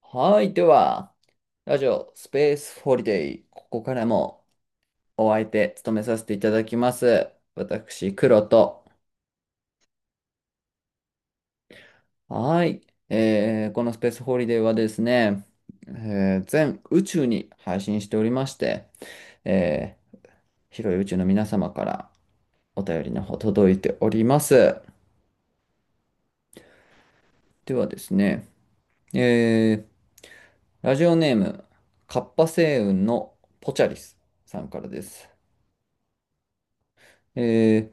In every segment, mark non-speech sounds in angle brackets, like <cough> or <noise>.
はい。では、ラジオスペースホリデー。ここからもお相手務めさせていただきます。私、黒と。はい。このスペースホリデーはですね、全宇宙に配信しておりまして、えー広い宇宙の皆様からお便りの方届いております。ではですね、えーラジオネーム、カッパ星雲のポチャリスさんからです。えー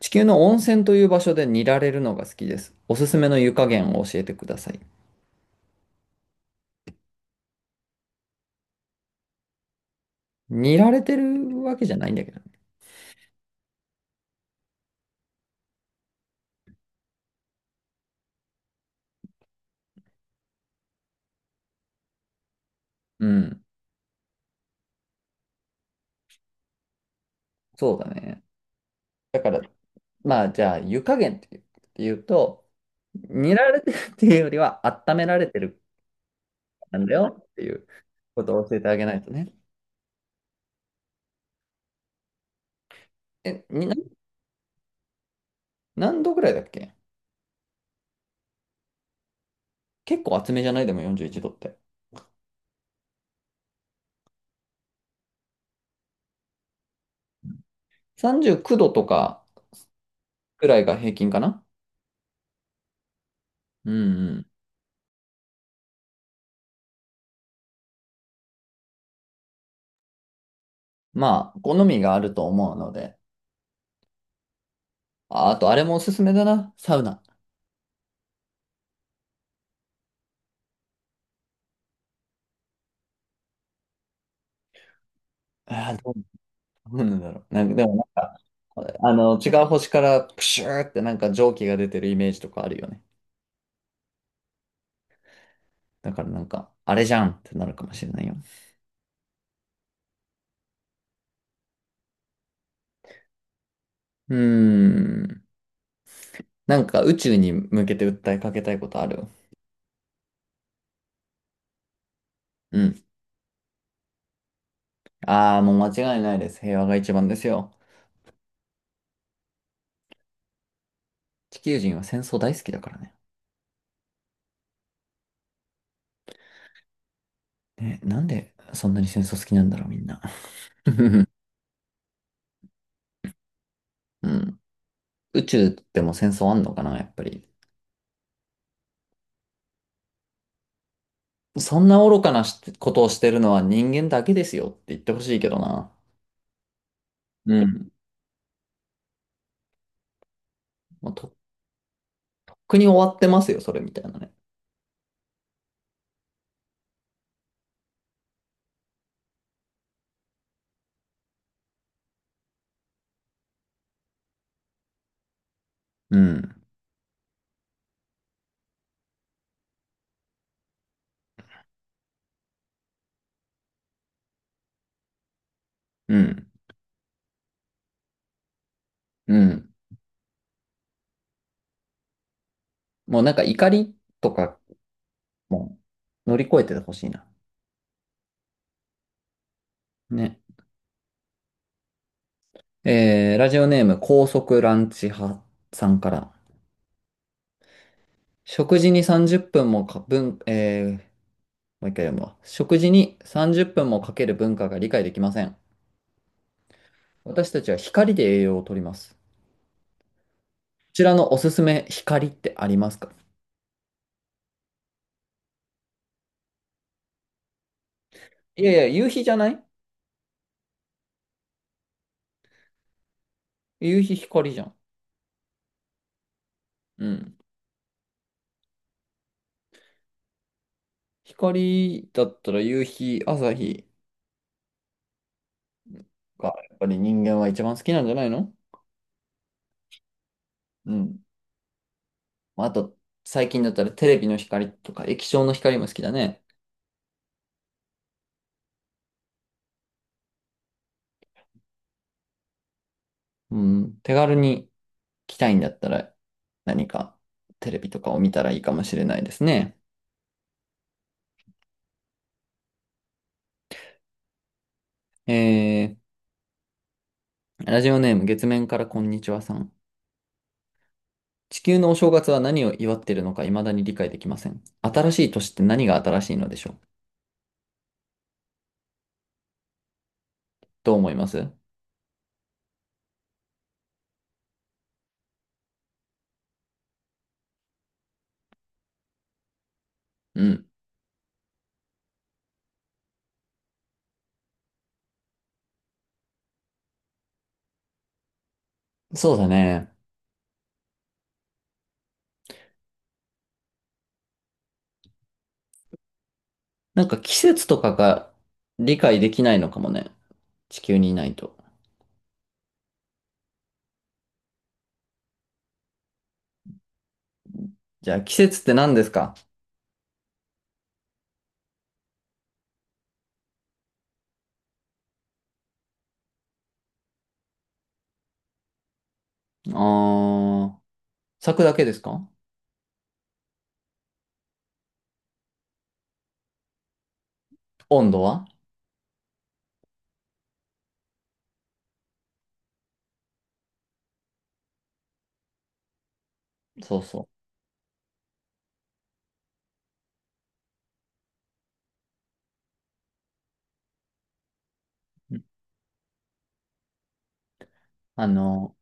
地球の温泉という場所で煮られるのが好きです。おすすめの湯加減を教えてください。煮られてるわけじゃないんだけどね。うん。そうだね。だから、まあ、じゃあ、湯加減って言うと、煮られてるっていうよりは、温められてるなんだよっていうことを教えてあげないとね。え、に、な何度ぐらいだっけ？結構厚めじゃない？でも41度って。39度とかくらいが平均かな？うん、うん。まあ、好みがあると思うので。ああと、あれもおすすめだな。サウナ。ああ、どうなんだろう。なんか、でもなんか、あの、違う星からプシューってなんか蒸気が出てるイメージとかあるよね。だからなんか、あれじゃんってなるかもしれないよ。うーん。なんか宇宙に向けて訴えかけたいことある？うん。ああ、もう間違いないです。平和が一番ですよ。地球人は戦争大好きだからね。ね、なんでそんなに戦争好きなんだろう、みんな。<laughs> うん。宇宙でも戦争あんのかな、やっぱり。そんな愚かなしことをしてるのは人間だけですよって言ってほしいけどな。うん。もうとっくに終わってますよ、それみたいなね。うん。うん。うん。もうなんか怒りとかも乗り越えてほしいな。ね。ラジオネーム高速ランチ派さんから。食事に30分もか、文、えー、もう一回読むわ。食事に30分もかける文化が理解できません。私たちは光で栄養をとります。こちらのおすすめ光ってありますか？いやいや、夕日じゃない？夕日光じゃん。うん。光だったら夕日、朝日がやっぱり人間は一番好きなんじゃないの？うん。まああと、最近だったらテレビの光とか液晶の光も好きだね。うん。手軽に来たいんだったら何かテレビとかを見たらいいかもしれないですね。えラジオネーム月面からこんにちはさん。地球のお正月は何を祝っているのか未だに理解できません。新しい年って何が新しいのでしょう？どう思います？うん。そうだね。なんか季節とかが理解できないのかもね。地球にいないと。じゃあ季節って何ですか？あー、咲くだけですか？温度は？そうそう。あの、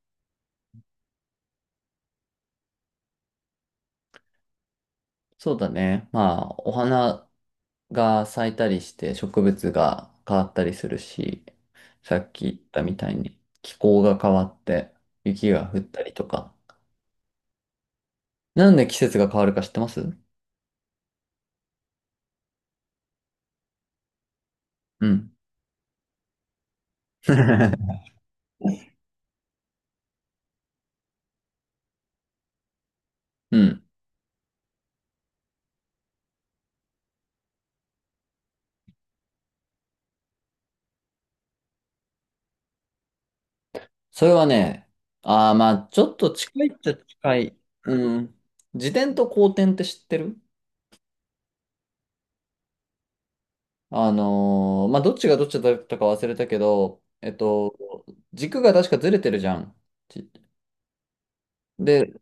そうだね。まあ、お花が咲いたりして植物が変わったりするし、さっき言ったみたいに気候が変わって雪が降ったりとか。なんで季節が変わるか知ってますうん。<laughs> うん。それはね、ああ、まあ、ちょっと近いっちゃ近い。うん。自転と後転って知ってる？あのーまあ、どっちがどっちだったか忘れたけど、軸が確かずれてるじゃん。ちで、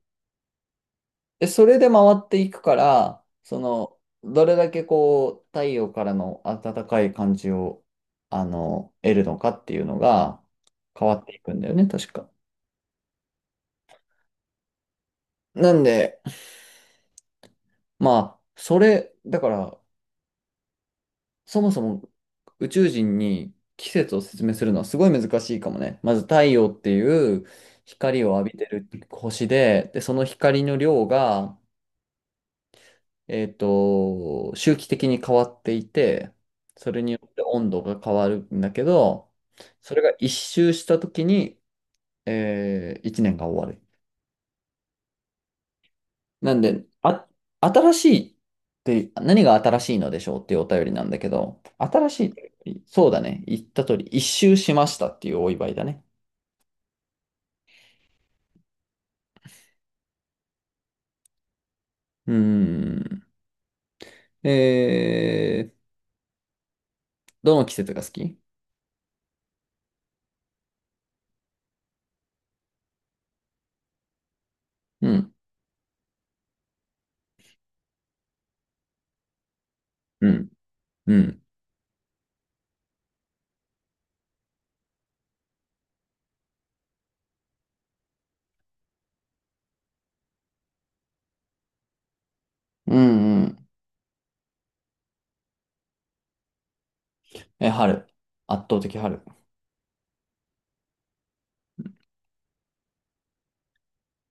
でそれで回っていくから、その、どれだけこう、太陽からの暖かい感じを、あの、得るのかっていうのが変わっていくんだよね、確か。なんで、まあ、それ、だから、そもそも宇宙人に季節を説明するのはすごい難しいかもね。まず太陽っていう光を浴びてる星で、で、その光の量が、周期的に変わっていて、それによって温度が変わるんだけど、それが一周した時に、一年が終わる。なんで、あ、新しいって何が新しいのでしょうっていうお便りなんだけど、新しいって、そうだね。言った通り、一周しましたっていうお祝いだね。うーん。えー、どの季節が好き？うん、うん、うん、うん、うん。え、春。圧倒的春。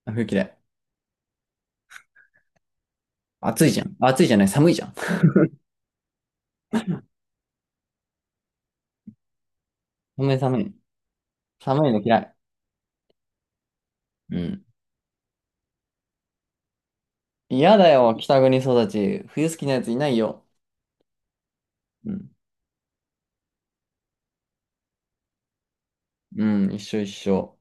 冬嫌い。暑いじゃん。暑いじゃない、寒いじゃん。<laughs> 寒い寒い。寒いの嫌い。うん。嫌だよ、北国育ち。冬好きなやついないよ。うん。うん、一緒一緒。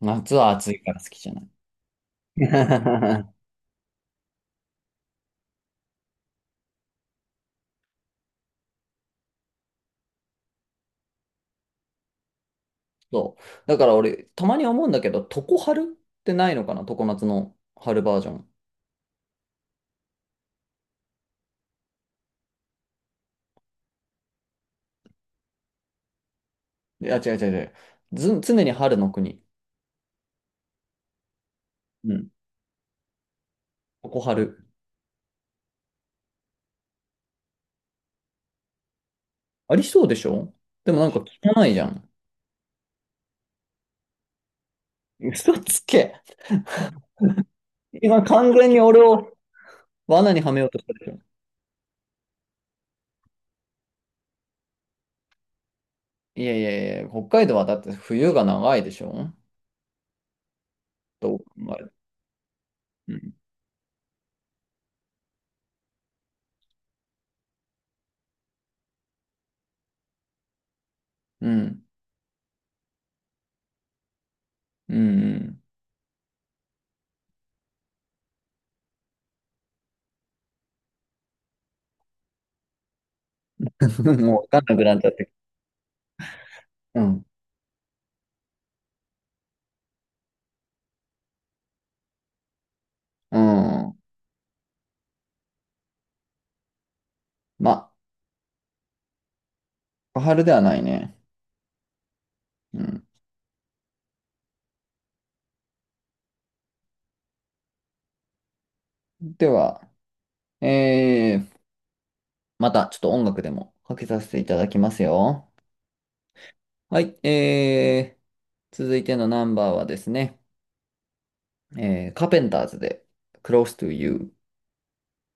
夏は暑いから好きじゃない。<laughs> そう。だから俺、たまに思うんだけど、常春ってないのかな？常夏の春バージョン。いや、違う違う違う。ず、常に春の国。うん。常春。ありそうでしょ？でもなんか汚いじゃん。嘘つけ。今完全に俺を罠にはめようとしたでしょ。いやいやいや、北海道はだって冬が長いでしょ？どう考えても、うん。うん。うん。うん。 <laughs> もうわかんなくなっちゃって。うん。うん。まあ小春ではないね。うん。では、えー、またちょっと音楽でもかけさせていただきますよ。はい、続いてのナンバーはですね、カーペンターズで Close to You。